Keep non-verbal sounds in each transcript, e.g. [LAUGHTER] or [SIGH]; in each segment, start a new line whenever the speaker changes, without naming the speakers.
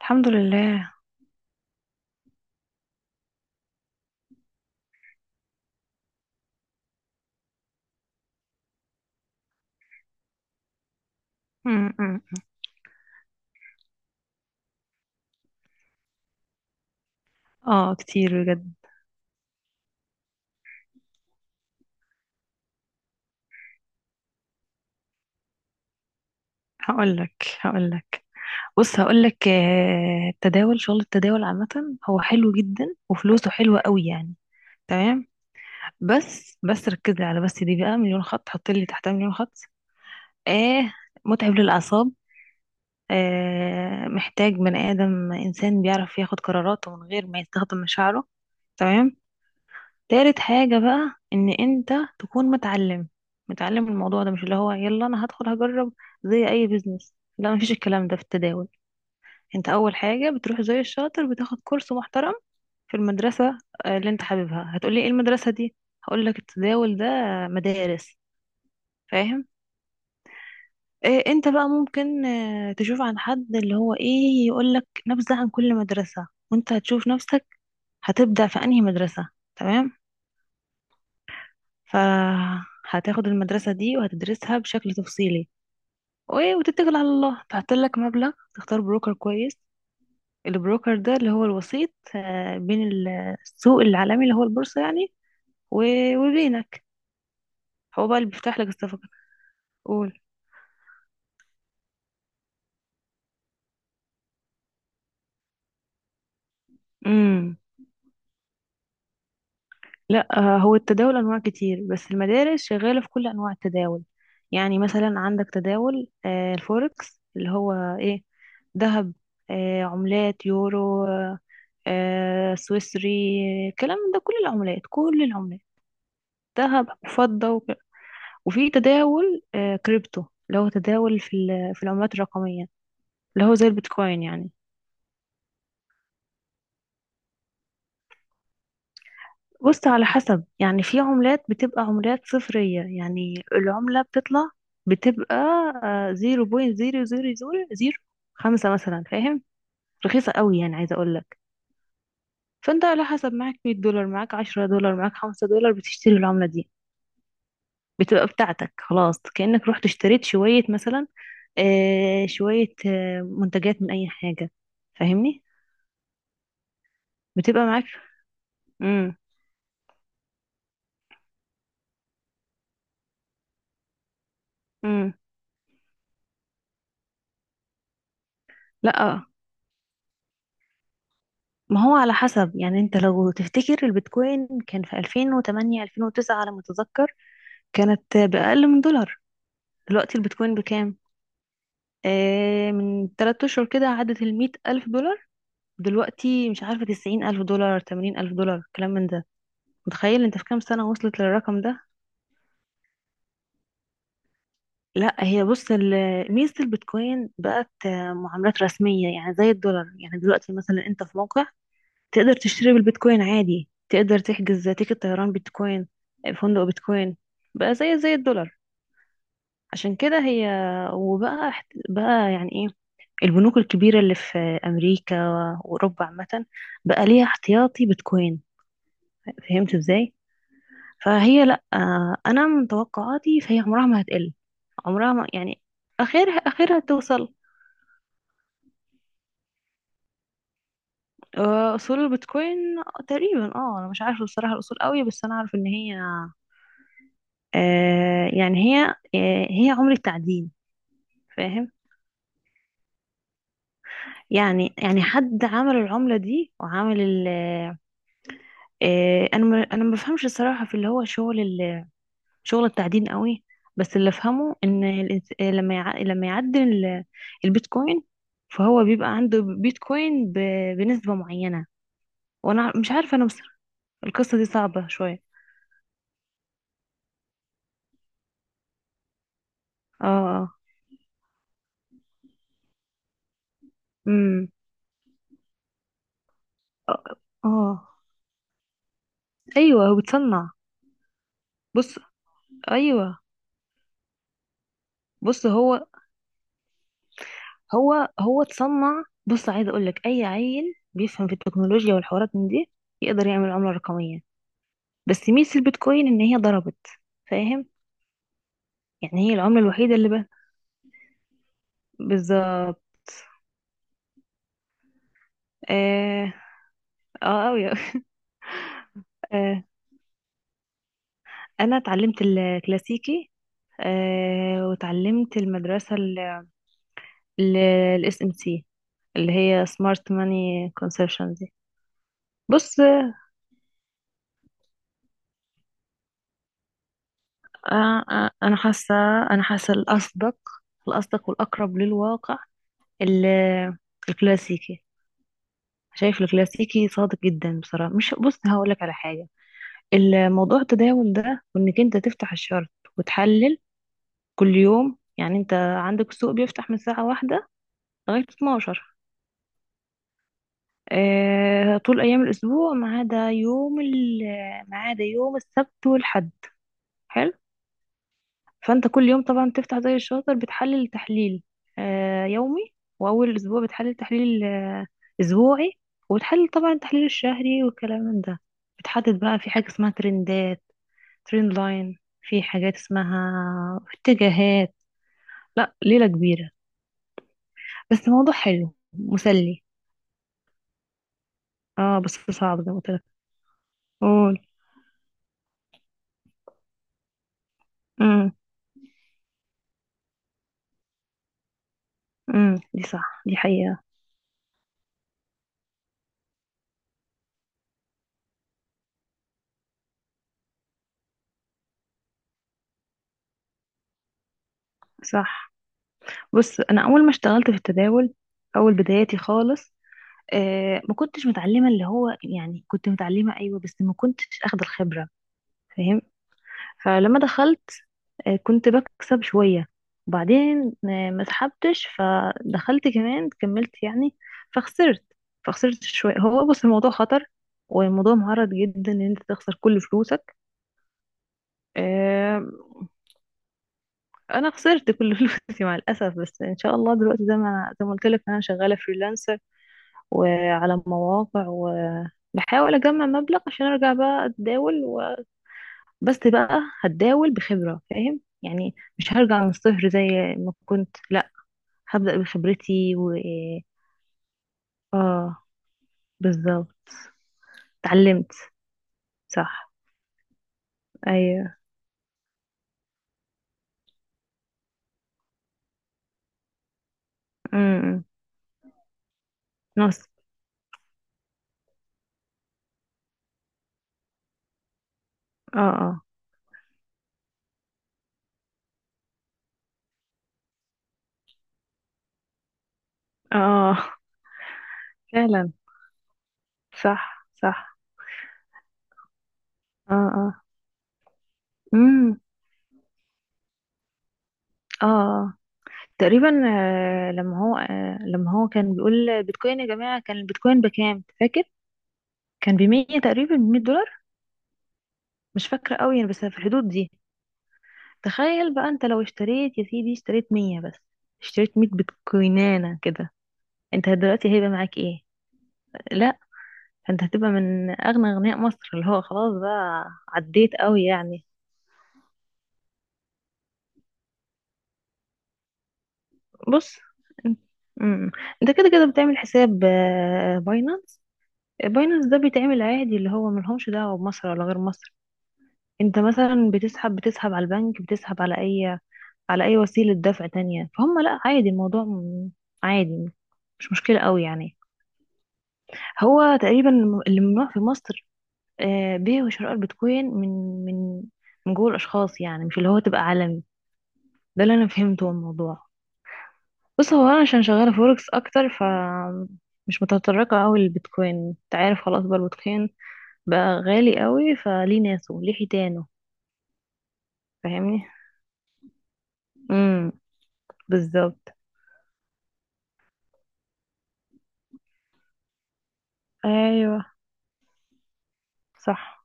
الحمد لله. م- م. اه كتير بجد. هقولك، بص، هقولك، التداول، شغل التداول عامة، هو حلو جدا وفلوسه حلوة قوي يعني. تمام. بس ركزي على بس، دي بقى مليون خط، حطي لي تحتها مليون خط. اه متعب للأعصاب. محتاج بني آدم، إنسان بيعرف ياخد قراراته من غير ما يستخدم مشاعره. تمام. تالت حاجة بقى ان انت تكون متعلم، متعلم الموضوع ده، مش اللي هو يلا انا هدخل هجرب، زي اي بيزنس، لا مفيش الكلام ده في التداول. انت اول حاجة بتروح زي الشاطر بتاخد كورس محترم في المدرسة. اللي انت حاببها. هتقولي ايه المدرسة دي؟ هقولك، التداول ده مدارس، فاهم؟ إيه، انت بقى ممكن تشوف عن حد اللي هو ايه، يقولك نبذة عن كل مدرسة وانت هتشوف نفسك هتبدأ في انهي مدرسة. تمام. فهتاخد المدرسة دي وهتدرسها بشكل تفصيلي، وايه وتتكل على الله، تحط لك مبلغ، تختار بروكر كويس. البروكر ده اللي هو الوسيط بين السوق العالمي اللي هو البورصة يعني، و- وبينك. هو بقى اللي بيفتح لك الصفقة. قول. امم لا. هو التداول انواع كتير، بس المدارس شغاله في كل انواع التداول. يعني مثلا عندك تداول الفوركس، اللي هو ايه، ذهب، عملات، يورو، سويسري، الكلام ده، كل العملات، كل العملات، ذهب وفضه وفي تداول كريبتو، اللي هو تداول في في العملات الرقميه، اللي هو زي البيتكوين يعني. بص، على حسب يعني، في عملات بتبقى عملات صفرية، يعني العملة بتطلع بتبقى زيرو بوينت زيرو زيرو زيرو زيرو خمسة مثلا، فاهم، رخيصة قوي يعني، عايزة أقول لك. فأنت على حسب، معاك 100 دولار، معاك 10 دولار، معاك 5 دولار، بتشتري العملة دي، بتبقى بتاعتك خلاص، كأنك رحت اشتريت شوية مثلا، شوية منتجات من أي حاجة، فاهمني؟ بتبقى معاك. امم امم لا، ما هو على حسب يعني. انت لو تفتكر البيتكوين كان في 2008 2009 على ما اتذكر، كانت بأقل من دولار. دلوقتي البيتكوين بكام؟ من 3 اشهر كده عدت ال 100 ألف دولار، دلوقتي مش عارفة، 90 ألف دولار، 80 ألف دولار، كلام من ده. متخيل انت في كام سنة وصلت للرقم ده؟ لا هي بص، ميزة البيتكوين بقت معاملات رسمية يعني، زي الدولار يعني. دلوقتي مثلا انت في موقع تقدر تشتري بالبيتكوين عادي، تقدر تحجز تيكت طيران بيتكوين، فندق بيتكوين. بقى زي الدولار. عشان كده هي، وبقى، بقى يعني ايه، البنوك الكبيرة اللي في أمريكا وأوروبا عامة بقى ليها احتياطي بيتكوين. فهمت ازاي؟ فهي لأ، أنا من توقعاتي فهي عمرها ما هتقل، عمرها ما يعني، أخرها أخرها توصل. أصول البيتكوين تقريبا، أنا مش عارفة بصراحة الأصول قوي، بس أنا أعرف إن هي، آه يعني هي هي عملة تعدين، فاهم. يعني، يعني حد عمل العملة دي وعمل ال انا ما بفهمش الصراحة، في اللي هو شغل شغل التعدين قوي، بس اللي افهمه ان لما يعدل البيتكوين، فهو بيبقى عنده بيتكوين بنسبة معينة. وانا مش عارفة انا بصراحة، القصة دي صعبة شوية. اه اه امم اه آه. ايوه، هو بتصنع. بص ايوه بص هو هو هو اتصنع، بص، عايزه اقول لك اي عيل بيفهم في التكنولوجيا والحوارات من دي يقدر يعمل عمله رقميه. بس ميزه البيتكوين ان هي ضربت، فاهم. يعني هي العمله الوحيده اللي بقى. بالظبط. اه اه أوي. [LAUGHS] آه انا اتعلمت الكلاسيكي، وتعلمت المدرسه الاس ام سي، اللي هي سمارت ماني كونسبشن دي. بص. انا حاسه، انا حاسه الاصدق، الاصدق والاقرب للواقع، ال- الكلاسيكي. شايف الكلاسيكي صادق جدا بصراحة. مش، بص هقولك على حاجة، الموضوع التداول ده، وانك انت تفتح الشرط وتحلل كل يوم. يعني انت عندك السوق بيفتح من الساعة واحدة لغاية 12، اه طول ايام الاسبوع ما عدا ما عدا يوم السبت والحد. حلو. فانت كل يوم طبعا بتفتح زي الشاطر، بتحلل تحليل يومي، واول اسبوع بتحلل تحليل اسبوعي، وبتحلل طبعا التحليل الشهري والكلام من ده. بتحدد بقى، في حاجة اسمها ترندات، ترند لاين، في حاجات اسمها اتجاهات. لا ليلة كبيرة، بس موضوع حلو مسلي. اه بس صعب زي ما قلت لك. قول. امم دي صح، دي حقيقة. صح. بص، انا اول ما اشتغلت في التداول، اول بداياتي خالص، ما كنتش متعلمة، اللي هو يعني، كنت متعلمة أيوة بس ما كنتش أخد الخبرة، فاهم؟ فلما دخلت، كنت بكسب شوية، وبعدين ما سحبتش، فدخلت كمان، كملت يعني، فخسرت، فخسرت شوية. هو بص، الموضوع خطر، والموضوع معرض جدا ان انت تخسر كل فلوسك. آه انا خسرت كل [LAUGHS] فلوسي مع الاسف، بس ان شاء الله دلوقتي زي ما قلت لك، انا شغاله فريلانسر وعلى مواقع، وبحاول اجمع مبلغ عشان ارجع بقى اتداول و... بس بقى هتداول بخبرة، فاهم يعني، مش هرجع من الصفر زي ما كنت، لا هبدأ بخبرتي و... اه بالظبط، اتعلمت. صح، ايوه. امم. نص. اه اه اه فعلا. صح، صح. اه اه امم اه آه. تقريبا. لما هو كان بيقول بيتكوين يا جماعة، كان البيتكوين بكام فاكر؟ كان ب 100 تقريبا، ب 100 دولار، مش فاكرة قوي يعني، بس في الحدود دي. تخيل بقى انت لو اشتريت يا سيدي، اشتريت 100 بس، اشتريت مية بيتكوينانة كده، انت دلوقتي هيبقى معاك ايه؟ لا انت هتبقى من اغنى اغنياء مصر، اللي هو خلاص بقى، عديت قوي يعني. بص انت، مم. انت كده كده بتعمل حساب باينانس. باينانس ده بيتعمل عادي، اللي هو ملهمش دعوة بمصر ولا غير مصر. انت مثلا بتسحب، بتسحب على البنك، بتسحب على اي، على اي وسيلة دفع تانية، فهم لا، عادي الموضوع عادي، مش مشكلة قوي يعني. هو تقريبا اللي ممنوع في مصر بيع وشراء البيتكوين من، من، من جوه الاشخاص يعني، مش اللي هو تبقى عالمي. ده اللي انا فهمته من الموضوع. بص هو، انا عشان شغالة فوركس اكتر ف مش متطرقة قوي للبيتكوين، انت عارف، خلاص بقى البيتكوين بقى غالي قوي، فليه ناسه ليه حيتانه، فاهمني. امم، بالظبط. ايوه، صح.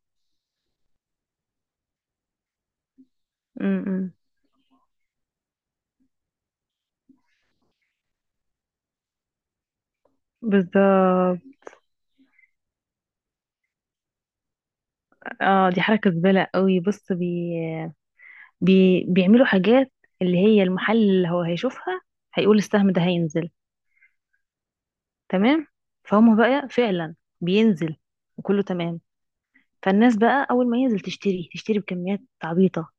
امم، بالظبط. اه دي حركة زبالة قوي. بص بيعملوا حاجات، اللي هي المحل اللي هو هيشوفها، هيقول السهم ده هينزل. تمام. فهم بقى فعلا بينزل، وكله تمام، فالناس بقى اول ما ينزل تشتري، تشتري بكميات عبيطة.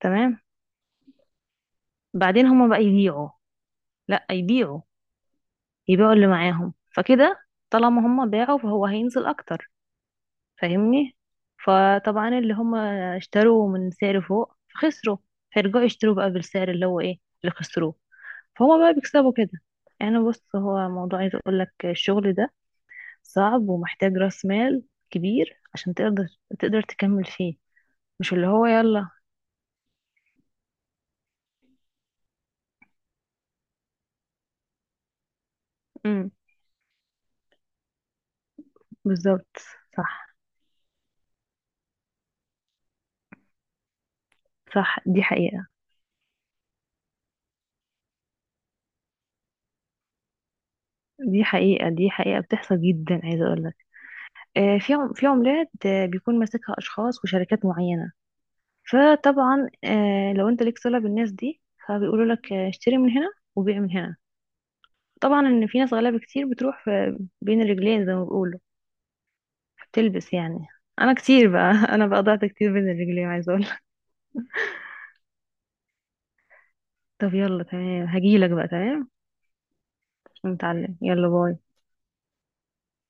تمام. بعدين هم بقى يبيعوا، لا يبيعوا، يبيعوا اللي معاهم فكده، طالما هم باعوا فهو هينزل اكتر، فاهمني. فطبعا اللي هم اشتروا من سعر فوق فخسروا، فيرجعوا يشتروا بقى بالسعر اللي هو ايه اللي خسروه، فهم بقى بيكسبوا كده. يعني بص هو موضوع، عايز اقول لك الشغل ده صعب ومحتاج راس مال كبير عشان تقدر، تقدر تكمل فيه، مش اللي هو يلا. امم، بالظبط. صح، صح، دي حقيقة. دي حقيقة، دي حقيقة بتحصل جدا، عايزة اقول لك في عملات بيكون ماسكها اشخاص وشركات معينة، فطبعا لو انت ليك صلة بالناس دي، فبيقولوا لك اشتري من هنا وبيع من هنا. طبعا ان في ناس غلابة كتير بتروح بين الرجلين زي ما بيقولوا، بتلبس يعني. انا كتير بقى [LAUGHS] انا بقى ضعت كتير بين الرجلين، عايزه اقول لك. طب يلا تمام، هجيلك بقى، تمام، نتعلم، يلا، باي.